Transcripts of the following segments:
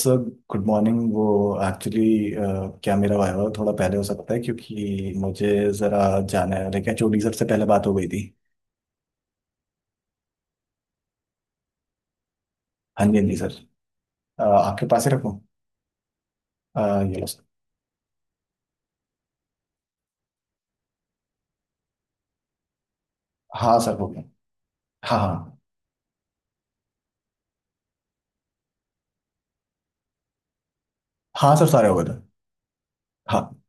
Sir, good morning. वो actually क्या मेरा वाइवा थोड़ा पहले हो सकता है, क्योंकि मुझे ज़रा जाना है। लेकिन एचओडी सर से पहले बात हो गई थी। हाँ जी, हाँ जी सर। आपके पास ही रखूँ। ये लो सर। हाँ सर, हो गया। हाँ हाँ। हाँ सर, सारे हो गए थे। हाँ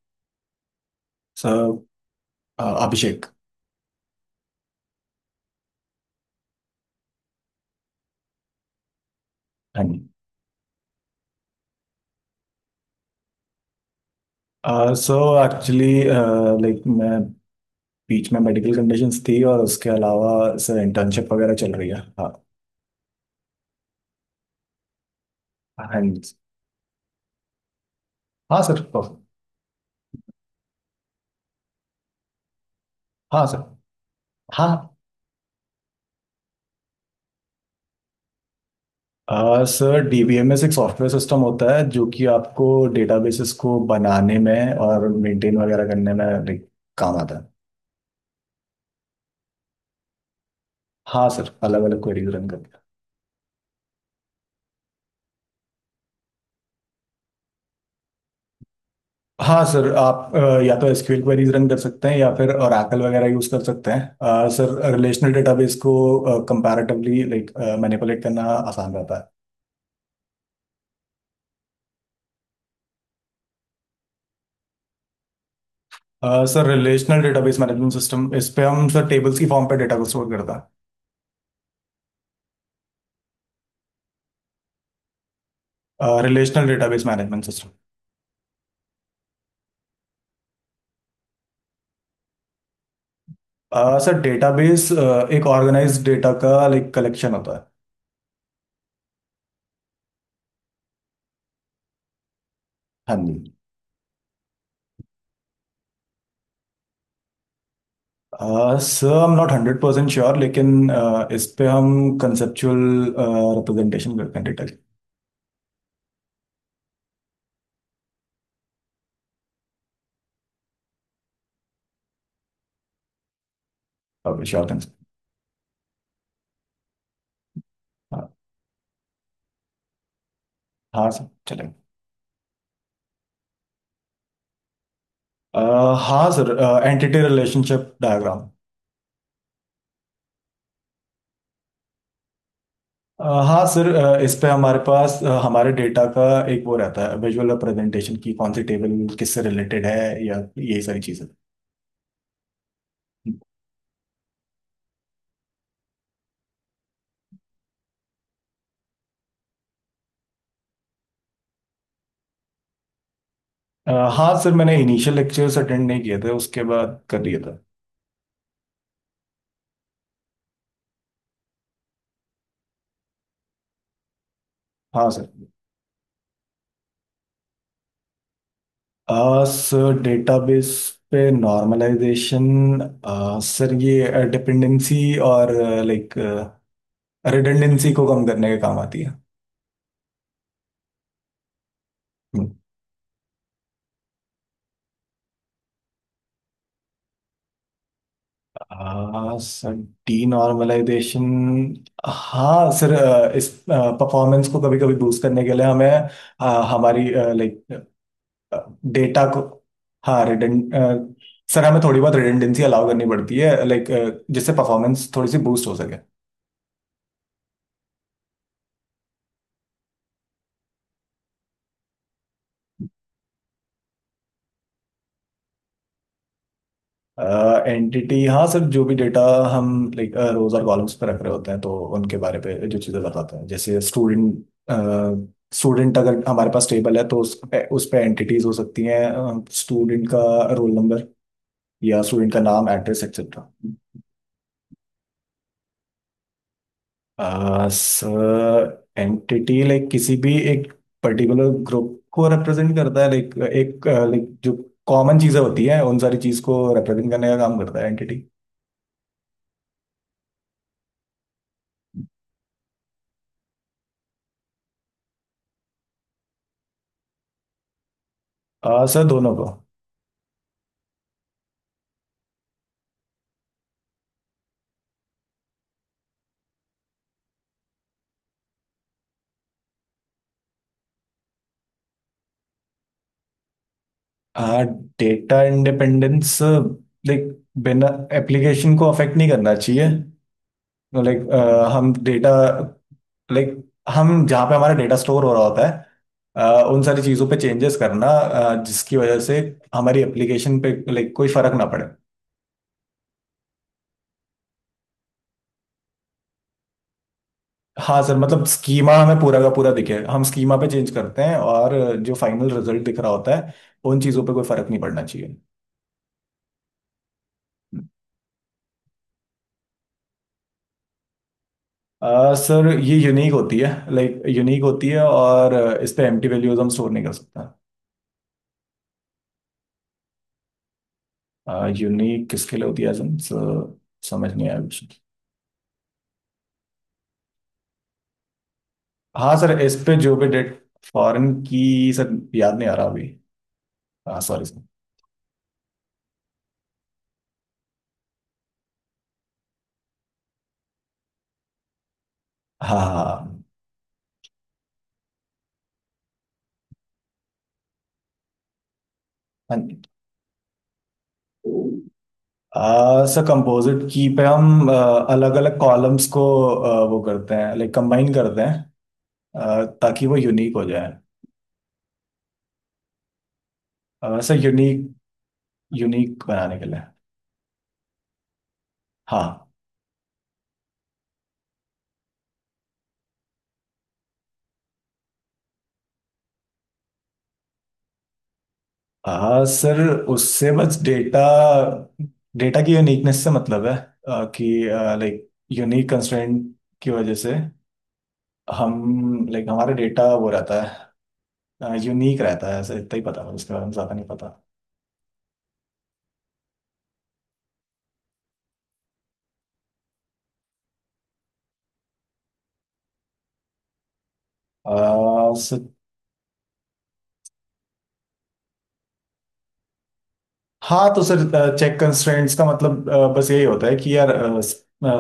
सर, अभिषेक। हाँ जी। सो एक्चुअली, लाइक मैं बीच में मेडिकल कंडीशंस थी, और उसके अलावा सर इंटर्नशिप वगैरह चल रही है। हाँ। हाँ जी। हाँ सर। हाँ सर। हाँ। सर डीबीएमएस एक सॉफ्टवेयर सिस्टम होता है जो कि आपको डेटाबेसेस को बनाने में और मेंटेन वगैरह करने में काम आता है। हाँ सर, अलग अलग क्वेरीज रन करते हैं। हाँ सर, आप या तो एसक्यूएल क्वेरीज रन कर सकते हैं या फिर ओरेकल वगैरह यूज कर सकते हैं। सर, रिलेशनल डेटाबेस को कंपैरेटिवली लाइक मैनिपुलेट करना आसान रहता है। Sir relational database management system, इस पे हम सर टेबल्स की फॉर्म पे डेटा को स्टोर करता है। Relational database management system. Sir database एक ऑर्गेनाइज्ड डेटा का लाइक कलेक्शन होता है। हाँ जी। Sir I am not 100% sure, लेकिन इस पे हम कंसेप्चुअल रिप्रेजेंटेशन करते हैं डेटा की। Sure thing sir. हाँ। हाँ सर, चलेगा। हाँ सर, एंटिटी रिलेशनशिप डायग्राम। हाँ सर, इस पे हमारे पास हमारे डेटा का एक वो रहता है, विजुअल रिप्रेजेंटेशन की कौन सी टेबल किससे रिलेटेड है या यही सारी चीज़ें। हाँ सर, मैंने इनिशियल लेक्चर्स अटेंड नहीं किए थे, उसके बाद कर दिया था। हाँ सर। सर डेटाबेस पे नॉर्मलाइजेशन, सर ये डिपेंडेंसी और लाइक रिडंडेंसी को कम करने के काम आती है। हम्म। Sir denormalisation. हाँ सर, इस परफॉर्मेंस को कभी कभी बूस्ट करने के लिए हमें हमारी लाइक डेटा को, हाँ रिडंड। सर हमें थोड़ी बहुत रिडंडेंसी अलाउ करनी पड़ती है, लाइक जिससे परफॉर्मेंस थोड़ी सी बूस्ट हो सके। एंटिटी, हाँ सर, जो भी डेटा हम लाइक रोज और कॉलम्स पे रख रहे होते हैं, तो उनके बारे पे जो चीज़ें बताते हैं जैसे स्टूडेंट। स्टूडेंट, अगर हमारे पास टेबल है तो उस पे एंटिटीज हो सकती हैं। स्टूडेंट का रोल नंबर, या स्टूडेंट का नाम, address etcetera. Sir entity like किसी भी एक पर्टिकुलर ग्रुप को रिप्रेजेंट करता है, लाइक एक लाइक जो कॉमन चीज़ें होती हैं उन सारी चीज़ को रिप्रेजेंट करने का काम करता है एंटिटी। सर दोनों को। हाँ। डेटा इंडिपेंडेंस, लाइक बिना एप्लीकेशन को अफेक्ट नहीं करना चाहिए, लाइक हम डेटा लाइक हम जहाँ पे हमारा डेटा स्टोर हो रहा होता है, उन सारी चीज़ों पे चेंजेस करना, जिसकी वजह से हमारी एप्लीकेशन पे लाइक कोई फर्क ना पड़े। हाँ सर, मतलब स्कीमा हमें पूरा का पूरा दिखे, हम स्कीमा पे चेंज करते हैं और जो फाइनल रिजल्ट दिख रहा होता है उन चीज़ों पे कोई फर्क नहीं पड़ना चाहिए। सर ये यूनिक होती है, लाइक यूनिक होती है, और इस पे एम्प्टी वैल्यूज हम स्टोर नहीं कर सकता। यूनिक किसके लिए होती है, एजन समझ नहीं आया कुछ। हाँ सर, इस पे जो भी डेट। फॉरेन की सर याद नहीं आ रहा अभी। हाँ, सॉरी सर। हाँ हाँ। हाँ जी। सर कंपोजिट की पे हम अलग अलग कॉलम्स को वो करते हैं, लाइक कंबाइन करते हैं, ताकि वो यूनिक हो जाए। सर यूनिक, यूनिक बनाने के लिए। हाँ। हाँ सर, उससे बस डेटा, डेटा की यूनिकनेस से मतलब है, कि लाइक यूनिक कंस्ट्रेंट की वजह से हम लाइक हमारा डेटा वो रहता है, यूनिक रहता है, ऐसा, इतना ही पता है, उसके बारे में ज़्यादा नहीं पता। सर, हाँ तो सर, चेक कंस्ट्रेंट्स का मतलब बस यही होता है कि यार,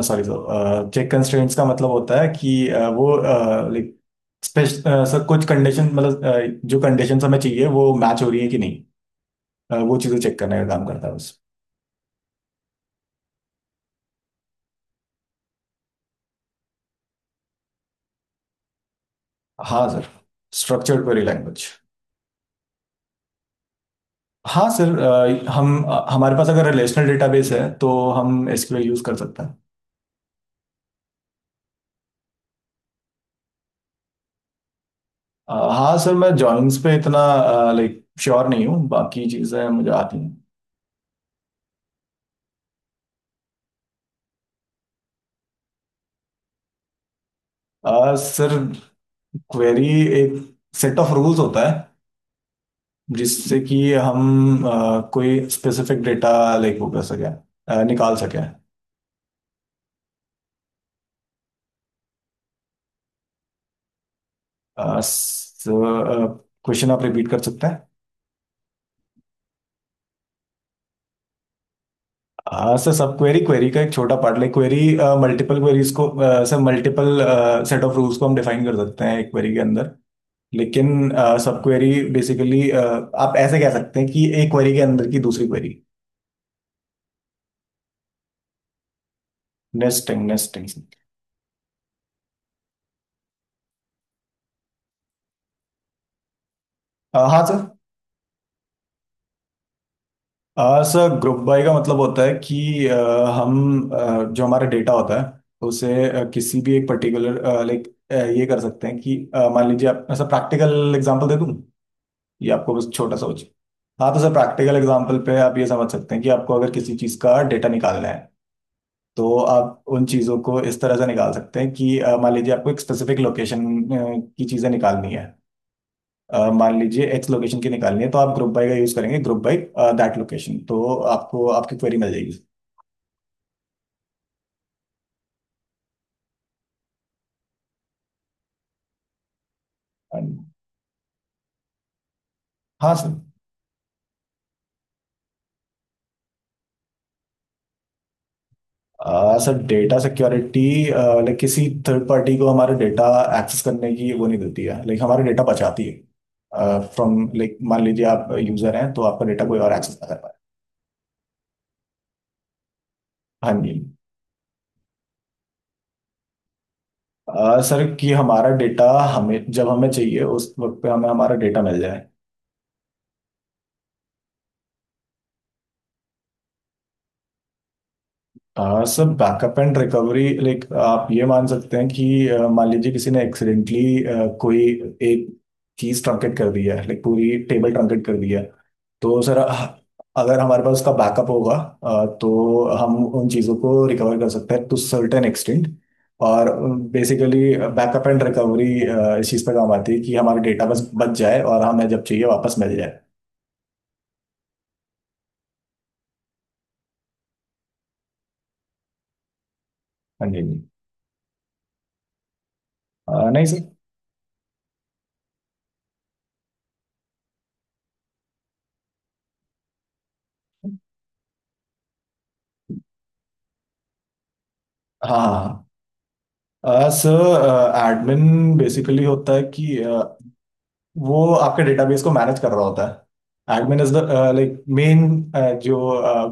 सॉरी सर, चेक कंस्ट्रेंट्स का मतलब होता है कि वो लाइक स्पेश सर कुछ कंडीशन, मतलब जो कंडीशंस हमें चाहिए वो मैच हो रही है कि नहीं, वो चीज़ें चेक करने का काम करता है बस। हाँ सर, स्ट्रक्चर्ड क्वेरी लैंग्वेज। हाँ सर, हम हमारे पास अगर रिलेशनल डेटाबेस है तो हम एसक्यूएल यूज़ कर सकते हैं। हाँ सर, मैं जॉइंस पे इतना लाइक श्योर नहीं हूँ, बाकी चीज़ें मुझे आती हैं। सर क्वेरी एक सेट ऑफ रूल्स होता है, जिससे कि हम कोई स्पेसिफिक डेटा लाइक वो कर सकें, निकाल सकें। क्वेश्चन आप रिपीट कर सकते हैं? हाँ सर, सब क्वेरी, क्वेरी का एक छोटा part, like query multiple queries को, sir multiple set of rules को हम डिफाइन कर सकते हैं एक क्वेरी के अंदर, लेकिन सब क्वेरी बेसिकली आप ऐसे कह सकते हैं कि एक क्वेरी के अंदर की दूसरी क्वेरी। Nesting, nesting. हाँ सर। सर ग्रुप बाय का मतलब होता है कि, हम जो हमारा डेटा होता है उसे किसी भी एक पर्टिकुलर लाइक ये कर सकते हैं कि, मान लीजिए, आप ऐसा प्रैक्टिकल एग्जांपल दे दूं, ये आपको बस छोटा सा हाँ तो सर, प्रैक्टिकल एग्जांपल पे आप ये समझ सकते हैं कि आपको अगर किसी चीज़ का डेटा निकालना है तो आप उन चीज़ों को इस तरह से निकाल सकते हैं कि, मान लीजिए आपको एक स्पेसिफिक लोकेशन की चीज़ें निकालनी है, मान लीजिए एक्स लोकेशन की निकालनी है, तो आप ग्रुप बाय का यूज़ करेंगे, ग्रुप बाय दैट लोकेशन, तो आपको आपकी क्वेरी मिल जाएगी। हाँ sir. Sir data security like किसी थर्ड पार्टी को हमारा डेटा एक्सेस करने की वो नहीं देती है, लाइक हमारा डेटा बचाती है, फ्रॉम लाइक मान लीजिए आप यूजर हैं तो आपका डेटा कोई और एक्सेस ना कर पाए। हाँ जी। सर, कि हमारा डेटा हमें, जब हमें चाहिए उस वक्त पे हमें हमारा डेटा मिल जाए। Sir backup and recovery, like आप ये मान सकते हैं कि, मान लीजिए किसी ने एक्सीडेंटली कोई एक चीज ट्रंकेट कर दी है, लाइक पूरी टेबल ट्रंकेट कर दी है, तो सर अगर हमारे पास उसका बैकअप होगा तो हम उन चीज़ों को रिकवर कर सकते हैं टू सर्टेन एक्सटेंट, और बेसिकली बैकअप एंड रिकवरी इस चीज़ पर काम आती है कि हमारा डेटा बस बच जाए और हमें जब चाहिए वापस मिल जाए। हाँ जी, हाँ जी। नहीं सर। हाँ हाँ। हाँ। सर एडमिन बेसिकली होता है कि वो आपके डेटाबेस को मैनेज कर रहा होता है, admin is the like main जो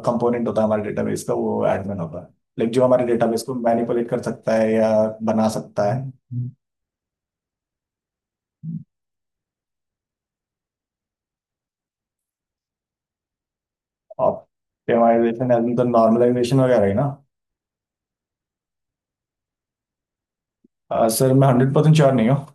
कंपोनेंट होता है हमारे डेटाबेस का, वो एडमिन होता है, लाइक जो हमारे डेटाबेस को मैनिपुलेट कर सकता है या बना सकता है। ऑप्टिमाइजेशन एंड द नॉर्मलाइजेशन वगैरह ही ना? सर मैं 100% श्योर नहीं हूँ।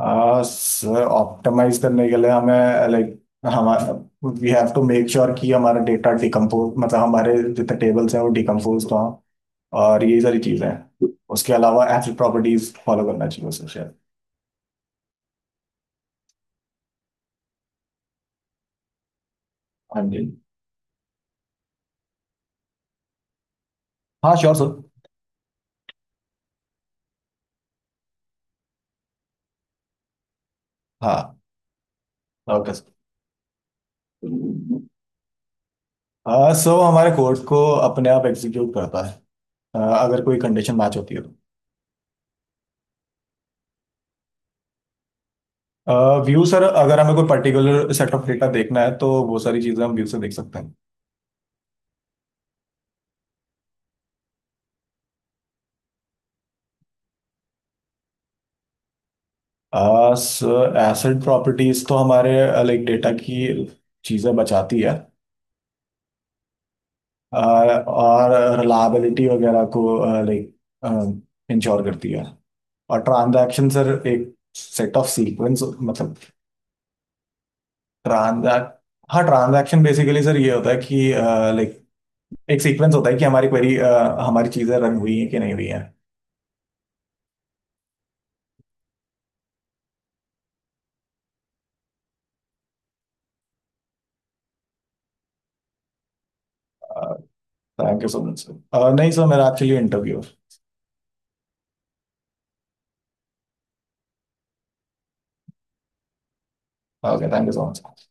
सर ऑप्टिमाइज करने के लिए हमें लाइक हमारा, we have to make sure कि हमारा डेटा डिकम्पोज, मतलब हमारे जितने टेबल्स हैं वो डिकम्पोज हो, और यही सारी चीजें हैं। उसके अलावा एथनिक प्रॉपर्टीज फॉलो करना चाहिए उसे, शायद। हाँ जी। हाँ श्योर सर। हाँ, ओके सर। सो हमारे कोर्ट को अपने आप एग्जीक्यूट करता है, अगर कोई कंडीशन मैच होती है तो। व्यू, सर अगर हमें कोई पर्टिकुलर सेट ऑफ डेटा देखना है तो वो सारी चीजें हम व्यू से देख सकते हैं। सर एसेट प्रॉपर्टीज तो हमारे लाइक डेटा की चीजें बचाती है, और रिलायबिलिटी वगैरह को लाइक uh, इंश्योर करती है। और ट्रांजैक्शन, सर एक सेट ऑफ सीक्वेंस, मतलब ट्रांजैक्ट। हाँ, ट्रांजैक्शन बेसिकली सर ये होता है कि लाइक एक सीक्वेंस होता है कि हमारी क्वेरी, हमारी चीज़ें रन हुई हैं कि नहीं हुई हैं। Thank you so much sir, नहीं सर मेरा actually interview. Okay, thank you so much.